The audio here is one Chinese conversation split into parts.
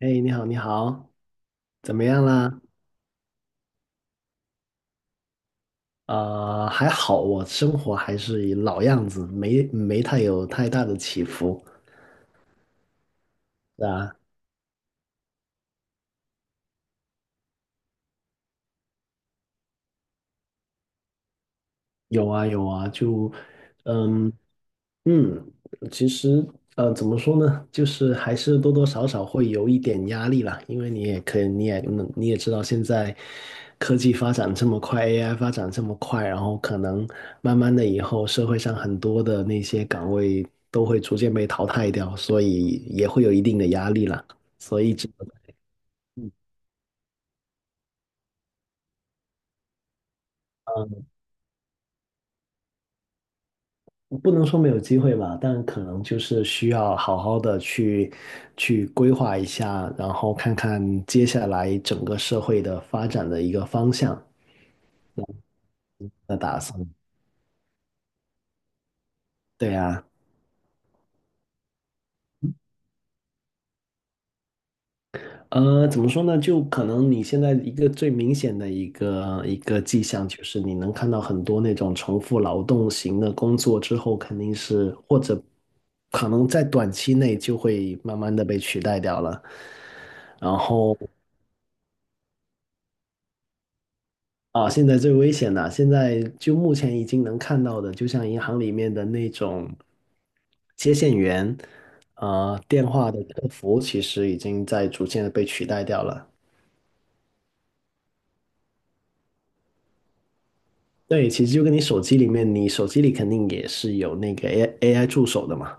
哎，你好，你好，怎么样啦？还好，我生活还是以老样子，没太有太大的起伏，是啊，有啊有啊，就，嗯，嗯，其实怎么说呢，就是还是多多少少会有一点压力啦，因为你也可以，你也你也知道现在科技发展这么快，AI 发展这么快，然后可能慢慢的以后社会上很多的那些岗位都会逐渐被淘汰掉，所以也会有一定的压力啦，所以只能。嗯不能说没有机会吧，但可能就是需要好好的去规划一下，然后看看接下来整个社会的发展的一个方向的打算。对啊，怎么说呢？就可能你现在一个最明显的一个迹象，就是你能看到很多那种重复劳动型的工作之后，肯定是或者可能在短期内就会慢慢的被取代掉了。然后啊，现在最危险的，现在就目前已经能看到的，就像银行里面的那种接线员，电话的客服，其实已经在逐渐的被取代掉了。对，其实就跟你手机里面，你手机里肯定也是有那个 AI 助手的嘛。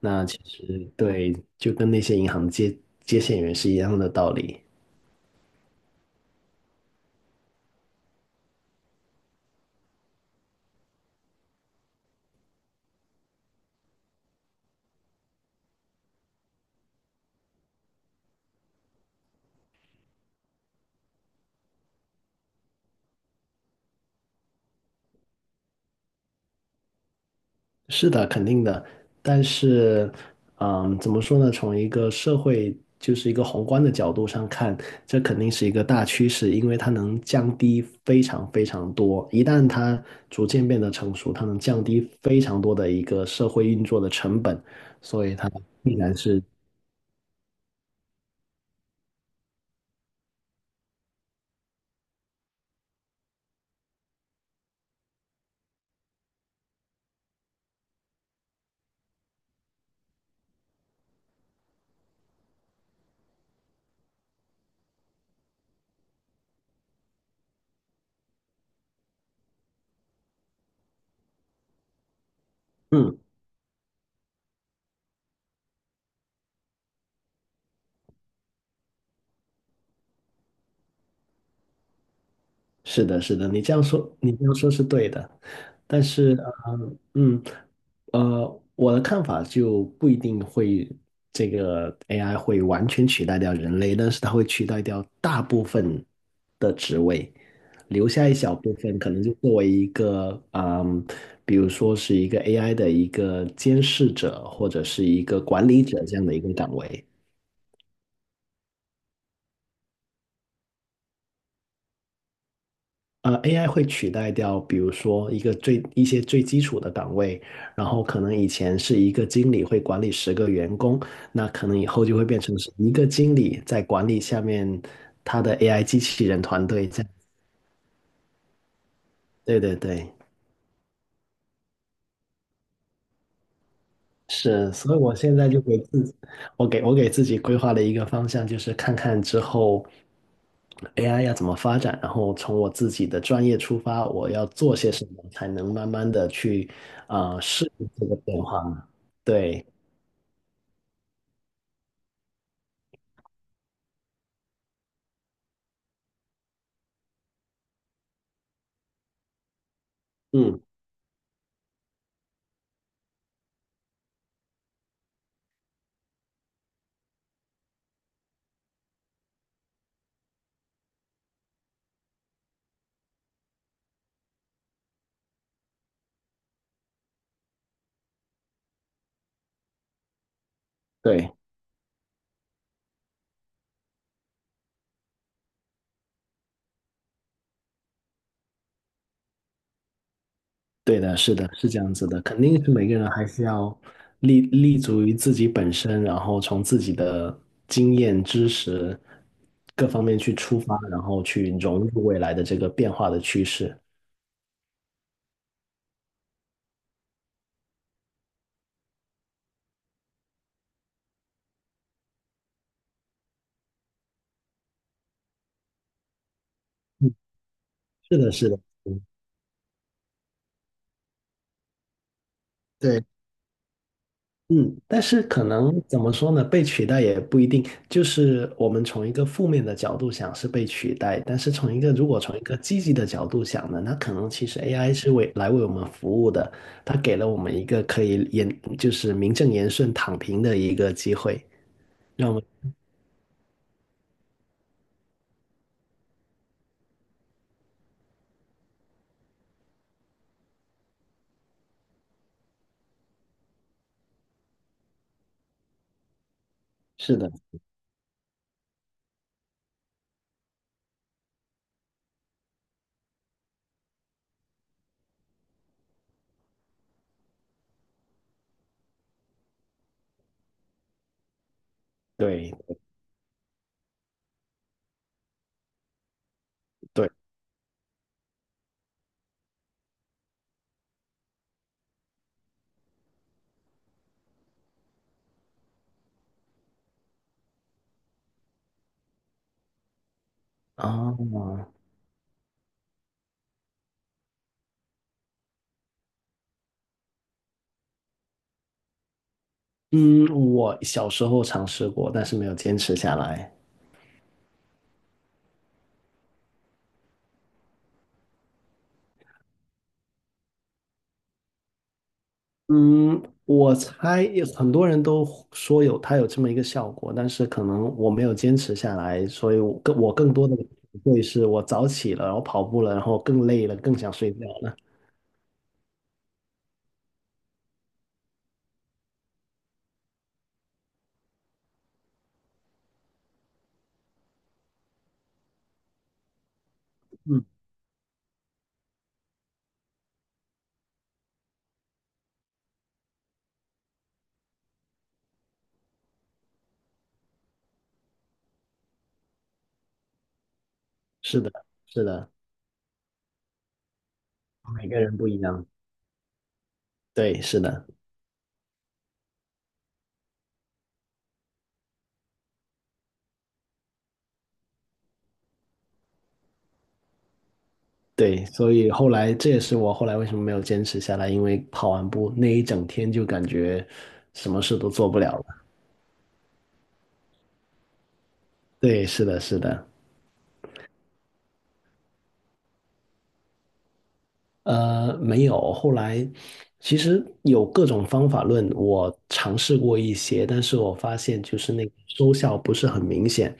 那其实对，就跟那些银行接线员是一样的道理。是的，肯定的。但是，怎么说呢？从一个社会，就是一个宏观的角度上看，这肯定是一个大趋势，因为它能降低非常非常多。一旦它逐渐变得成熟，它能降低非常多的一个社会运作的成本，所以它必然是，嗯。是的，是的，你这样说是对的，但是，呃，嗯，我的看法就不一定会这个 AI 会完全取代掉人类，但是它会取代掉大部分的职位，留下一小部分，可能就作为一个，比如说是一个 AI 的一个监视者或者是一个管理者这样的一个岗位。AI 会取代掉，比如说一些最基础的岗位，然后可能以前是一个经理会管理10个员工，那可能以后就会变成是一个经理在管理下面他的 AI 机器人团队这样。对对对，是，所以我现在就给自己，我给自己规划了一个方向，就是看看之后 AI 要怎么发展，然后从我自己的专业出发，我要做些什么，才能慢慢的去适应这个变化呢？对，嗯，对，对的，是的，是这样子的，肯定是每个人还是要立足于自己本身，然后从自己的经验、知识各方面去出发，然后去融入未来的这个变化的趋势。嗯，是的，是的，嗯，对，嗯，但是可能怎么说呢？被取代也不一定，就是我们从一个负面的角度想是被取代，但是从一个如果从一个积极的角度想呢，那可能其实 AI 是为我们服务的，它给了我们一个可以言就是名正言顺躺平的一个机会，让我们是的，对对啊，嗯，我小时候尝试过，但是没有坚持下来。嗯，我猜有很多人都说有它有这么一个效果，但是可能我没有坚持下来，所以我更多的会是我早起了，然后跑步了，然后更累了，更想睡觉了。嗯，是的，是的，每个人不一样。对，是的，对，所以后来这也是我后来为什么没有坚持下来，因为跑完步那一整天就感觉什么事都做不了了。对，是的，是的。没有。后来其实有各种方法论，我尝试过一些，但是我发现就是那个收效不是很明显。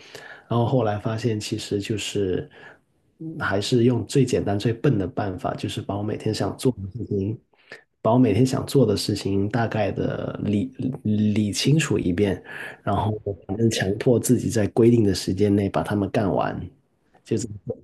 然后后来发现，其实就是还是用最简单、最笨的办法，就是把我每天想做的事情，把我每天想做的事情大概的理清楚一遍，然后反正强迫自己在规定的时间内把它们干完，就这么做。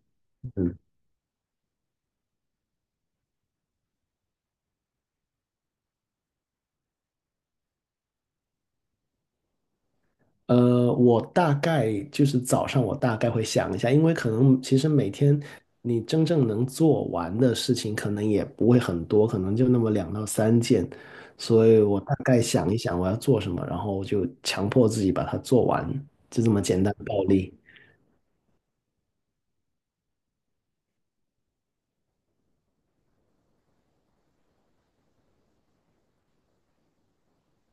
我大概就是早上，我大概会想一下，因为可能其实每天你真正能做完的事情，可能也不会很多，可能就那么两到三件，所以我大概想一想我要做什么，然后就强迫自己把它做完，就这么简单暴力。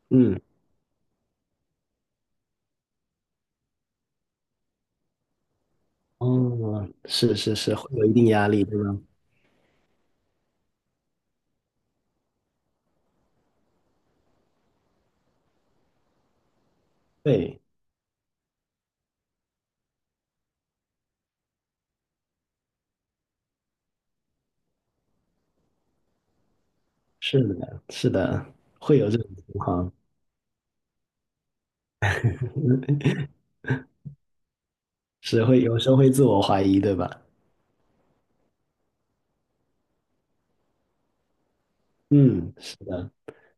嗯，哦，是是是，会有一定压力，对吗？对，是的，是的，会有这种情况，是会有时候会自我怀疑，对吧？嗯，是的。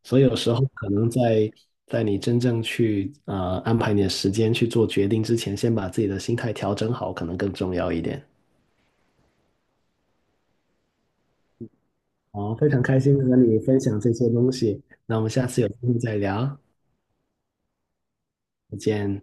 所以有时候可能在你真正去安排你的时间去做决定之前，先把自己的心态调整好，可能更重要一点。好，非常开心地跟你分享这些东西，那我们下次有机会再聊，再见。